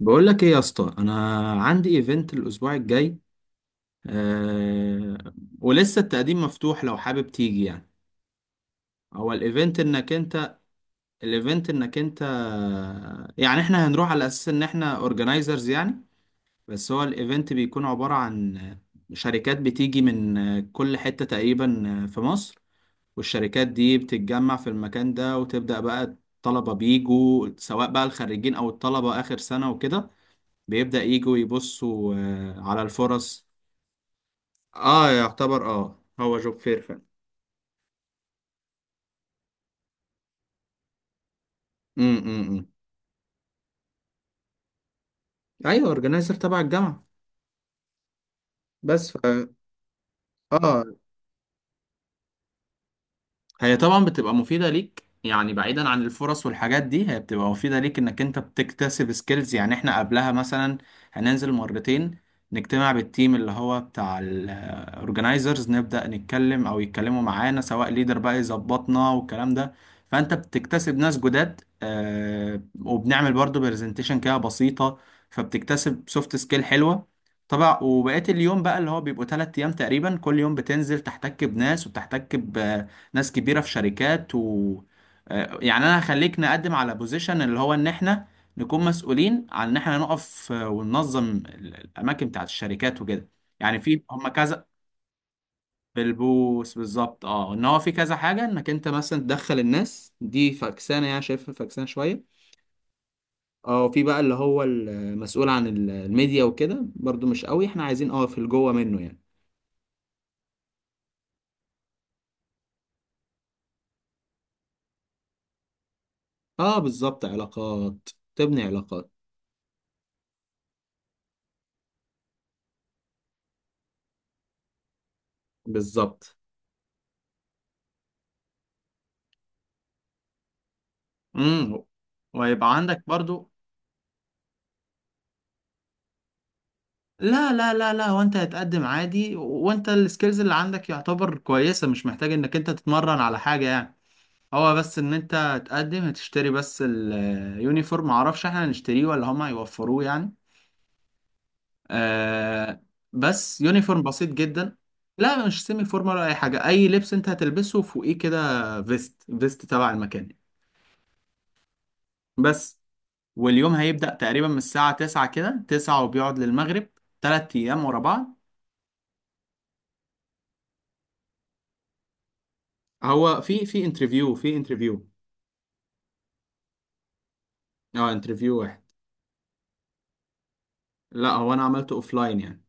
بقول لك ايه يا اسطى؟ انا عندي ايفنت الاسبوع الجاي. أه ولسه التقديم مفتوح لو حابب تيجي يعني. هو الايفنت انك انت الايفنت انك انت، يعني احنا هنروح على اساس ان احنا اورجنايزرز يعني. بس هو الايفنت بيكون عبارة عن شركات بتيجي من كل حتة تقريبا في مصر، والشركات دي بتتجمع في المكان ده وتبدأ بقى. الطلبة بيجوا، سواء بقى الخريجين او الطلبة اخر سنة وكده، بيبدأ يجوا يبصوا على الفرص. اه يعتبر، هو جوب فير فعلا. امم. ايوه، اورجنايزر تبع الجامعة. بس اه. هي طبعا بتبقى مفيدة ليك، يعني بعيدا عن الفرص والحاجات دي، هي بتبقى مفيدة ليك انك انت بتكتسب سكيلز. يعني احنا قبلها مثلا هننزل مرتين، نجتمع بالتيم اللي هو بتاع الاورجنايزرز، نبدأ نتكلم او يتكلموا معانا، سواء ليدر بقى يظبطنا والكلام ده. فانت بتكتسب ناس جداد، وبنعمل برضو برزنتيشن كده بسيطة، فبتكتسب سوفت سكيل حلوة طبعا. وبقيت اليوم بقى، اللي هو بيبقوا 3 أيام تقريبا، كل يوم بتنزل تحتك بناس، وبتحتك ناس كبيرة في شركات، و يعني انا هخليك نقدم على بوزيشن اللي هو ان احنا نكون مسؤولين عن ان احنا نقف، وننظم الاماكن بتاعت الشركات وكده، يعني في هم كذا. بالبوس بالظبط، ان هو في كذا حاجة، انك انت مثلا تدخل الناس دي فكسانة، يعني شايفها فكسانة شوية. اه، وفي بقى اللي هو المسؤول عن الميديا وكده، برضو مش قوي، احنا عايزين في الجوه منه يعني. اه بالظبط، علاقات. تبني علاقات. بالظبط. امم. ويبقى عندك برضو. لا لا لا لا، وانت هتقدم عادي، وانت السكيلز اللي عندك يعتبر كويسة، مش محتاج انك انت تتمرن على حاجة يعني. هو بس ان انت هتقدم، هتشتري بس اليونيفورم، معرفش احنا هنشتريه ولا هما هيوفروه يعني. آه بس يونيفورم بسيط جدا. لا مش سيمي فورمال ولا اي حاجة، اي لبس انت هتلبسه فوقيه كده، فيست، فيست تبع المكان بس. واليوم هيبدأ تقريبا من الساعة 9 كده، 9، وبيقعد للمغرب. 3 ايام ورا بعض. هو في انترفيو. اه، انترفيو واحد. لا هو انا عملته اوفلاين يعني.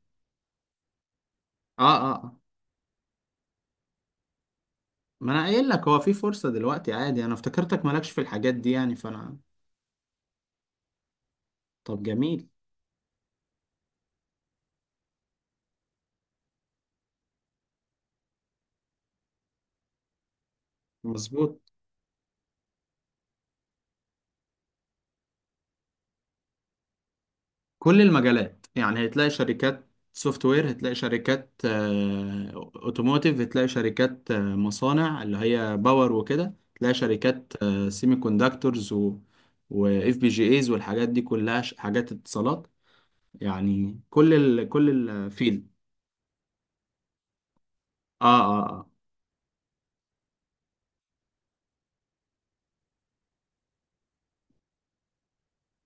اه اه آه. ما انا قايل لك هو في فرصة دلوقتي عادي، انا افتكرتك مالكش في الحاجات دي يعني، فانا. طب جميل. مظبوط. كل المجالات، يعني هتلاقي شركات سوفت وير، هتلاقي شركات اوتوموتيف، هتلاقي شركات مصانع اللي هي باور وكده، هتلاقي شركات سيمي كوندكتورز، و واف بي جي ايز، والحاجات دي كلها حاجات اتصالات. يعني كل الفيلد. اه اه آه.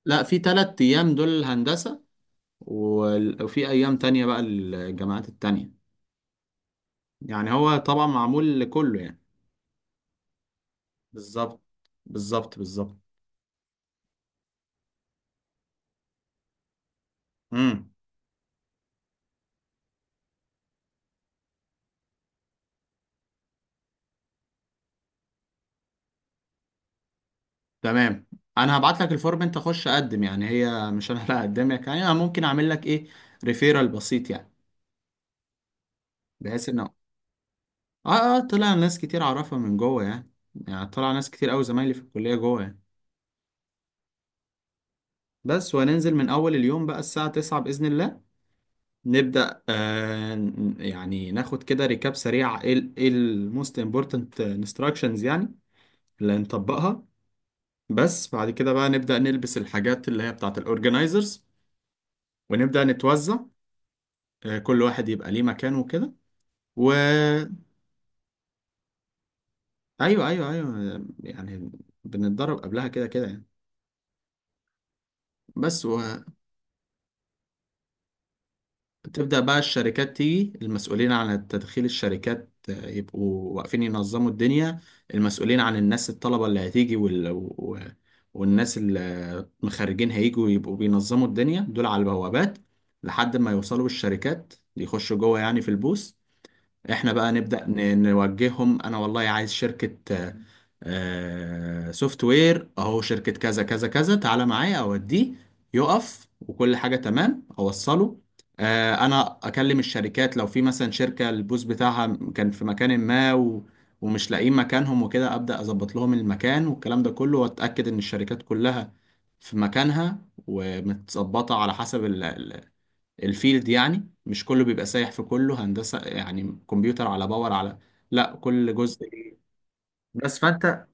لا، في 3 أيام دول الهندسة، وفي أيام تانية بقى الجامعات التانية. يعني هو طبعا معمول لكله يعني. بالظبط بالظبط بالظبط. امم. تمام. أنا هبعت لك الفورم، أنت خش أقدم يعني، هي مش أنا اللي هقدمك يعني، أنا ممكن أعمل لك إيه، ريفيرال بسيط يعني. بحيث إن طلع ناس كتير أعرفها من جوه يعني، يعني طلع ناس كتير أوي زمايلي في الكلية جوه يعني. بس وهننزل من أول اليوم بقى الساعة 9 بإذن الله. نبدأ يعني ناخد كده ريكاب سريع، ايه ال ايه الموست امبورتنت انستراكشنز يعني، اللي هنطبقها. بس بعد كده بقى نبدأ نلبس الحاجات اللي هي بتاعت الاورجنايزرز، ونبدأ نتوزع. كل واحد يبقى ليه مكانه وكده، و ايوه ايوه ايوه يعني، بنتدرب قبلها كده كده يعني. بس بتبدأ بقى الشركات تيجي، المسؤولين عن تدخيل الشركات يبقوا واقفين ينظموا الدنيا، المسؤولين عن الناس الطلبة اللي هتيجي والناس المخرجين هيجوا، يبقوا بينظموا الدنيا دول على البوابات لحد ما يوصلوا الشركات، يخشوا جوه يعني في البوث. احنا بقى نبدأ نوجههم، انا والله عايز شركة سوفت وير، اهو شركة كذا كذا كذا، تعالى معايا اوديه، يقف وكل حاجة تمام، اوصله. آه، انا اكلم الشركات لو في مثلا شركة البوز بتاعها كان في مكان ما، ومش لاقيين مكانهم وكده، ابدا اظبط لهم المكان والكلام ده كله، واتاكد ان الشركات كلها في مكانها ومتظبطة على حسب الفيلد يعني. مش كله بيبقى سايح في كله، هندسة يعني كمبيوتر على باور على، لا كل جزء. بس فانت.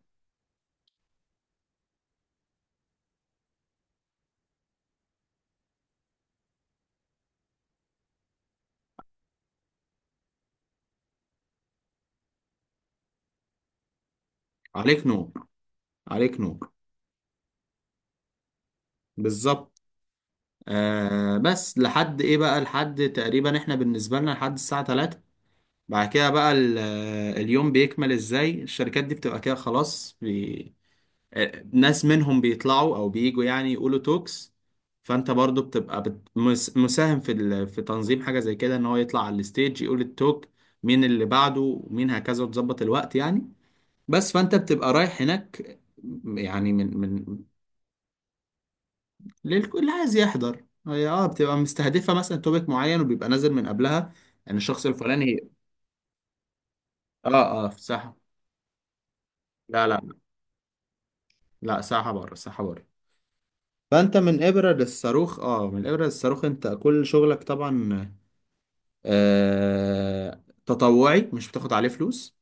عليك نور، عليك نور. بالظبط. بس لحد ايه بقى، لحد تقريبا احنا بالنسبة لنا لحد الساعة 3. بعد كده بقى اليوم بيكمل ازاي، الشركات دي بتبقى كده خلاص ناس منهم بيطلعوا او بييجوا يعني، يقولوا توكس. فانت برضو بتبقى مساهم في في تنظيم حاجة زي كده، ان هو يطلع على الستيج يقول التوك، مين اللي بعده ومين هكذا، وتظبط الوقت يعني. بس فانت بتبقى رايح هناك يعني. من للكل عايز يحضر، هي بتبقى مستهدفة مثلا توبيك معين، وبيبقى نازل من قبلها، يعني الشخص الفلاني. اه اه، في ساحة. لا لا، لا ساحة بره، ساحة بره. فانت من ابرة للصاروخ، من الابرة للصاروخ، انت كل شغلك طبعا تطوعي، مش بتاخد عليه فلوس،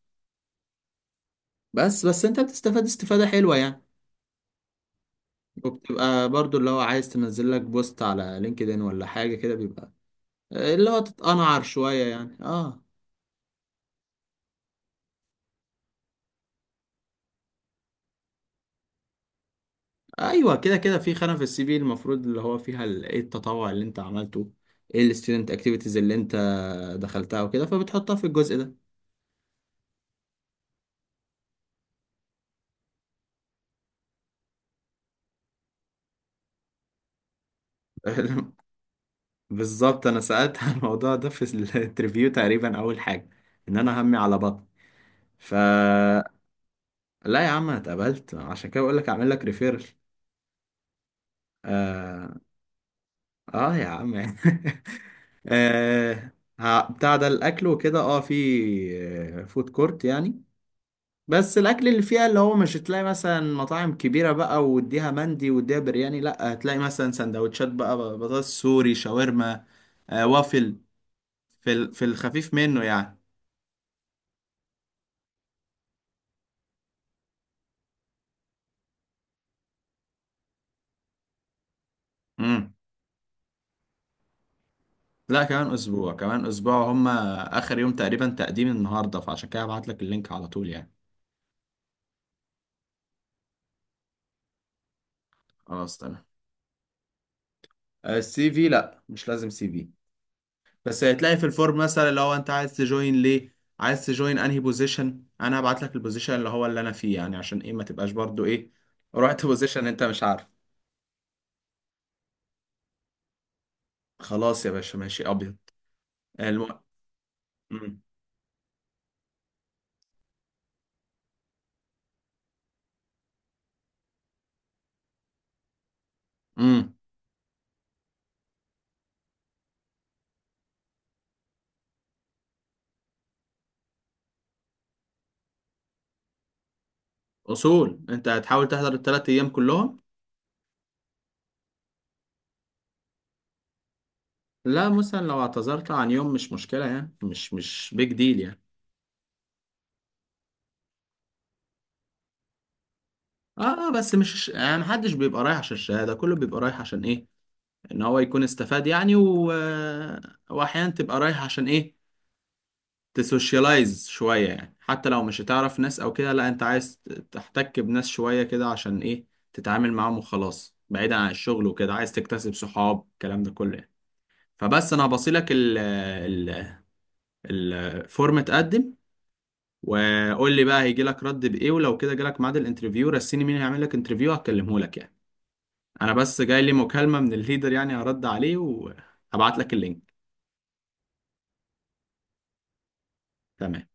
بس بس انت بتستفاد استفادة حلوة يعني. وبتبقى برضو اللي هو، عايز تنزل لك بوست على لينكدين ولا حاجة كده، بيبقى اللي هو تتقنعر شوية يعني، اه. ايوه كده كده، في خانه في السي في المفروض اللي هو فيها ايه التطوع اللي انت عملته، ايه الستودنت اكتيفيتيز اللي انت دخلتها وكده، فبتحطها في الجزء ده. بالظبط، انا سالت عن الموضوع ده في الانترفيو تقريبا اول حاجه، ان انا همي على بطن. ف لا يا عم انا اتقبلت، عشان كده بقول لك اعمل لك ريفيرل. آه... اه يا عم. آه... بتاع ده الاكل وكده، اه في فود كورت يعني، بس الاكل اللي فيها اللي هو مش هتلاقي مثلا مطاعم كبيره بقى، واديها مندي واديها برياني، لا هتلاقي مثلا سندوتشات بقى، بطاطس سوري، شاورما، وافل، في في الخفيف منه يعني. امم. لا كمان اسبوع، كمان اسبوع، هم اخر يوم تقريبا تقديم النهارده، فعشان كده هبعت لك اللينك على طول يعني. خلاص تمام. السي في لا، مش لازم سي في. بس هتلاقي في الفورم مثلا لو انت عايز تجوين ليه، عايز تجوين انهي بوزيشن، انا هبعت لك البوزيشن اللي هو اللي انا فيه، يعني عشان ايه ما تبقاش برضو ايه، رحت بوزيشن انت مش عارف. خلاص يا باشا، ماشي ابيض. الم... مم. مم. اصول انت هتحاول تحضر الثلاث ايام كلهم. لا، مثلا لو اعتذرت عن يوم مش مشكلة يعني، مش بيج ديل يعني. اه بس مش يعني محدش بيبقى رايح عشان الشهادة، كله بيبقى رايح عشان ايه، ان هو يكون استفاد يعني، واحيانا تبقى رايح عشان ايه، تسوشيالايز شوية يعني، حتى لو مش هتعرف ناس أو كده، لا أنت عايز تحتك بناس شوية كده عشان إيه، تتعامل معاهم وخلاص، بعيدا عن الشغل وكده، عايز تكتسب صحاب، الكلام ده كله يعني. فبس أنا هبصيلك ال ال الفورم، اتقدم، وقول لي بقى هيجي لك رد بإيه، ولو كده جالك ميعاد الانترفيو رسيني، مين هيعمل لك انترفيو هكلمه لك يعني. أنا بس جاي لي مكالمة من الليدر يعني، هرد عليه وهبعت لك اللينك. تمام.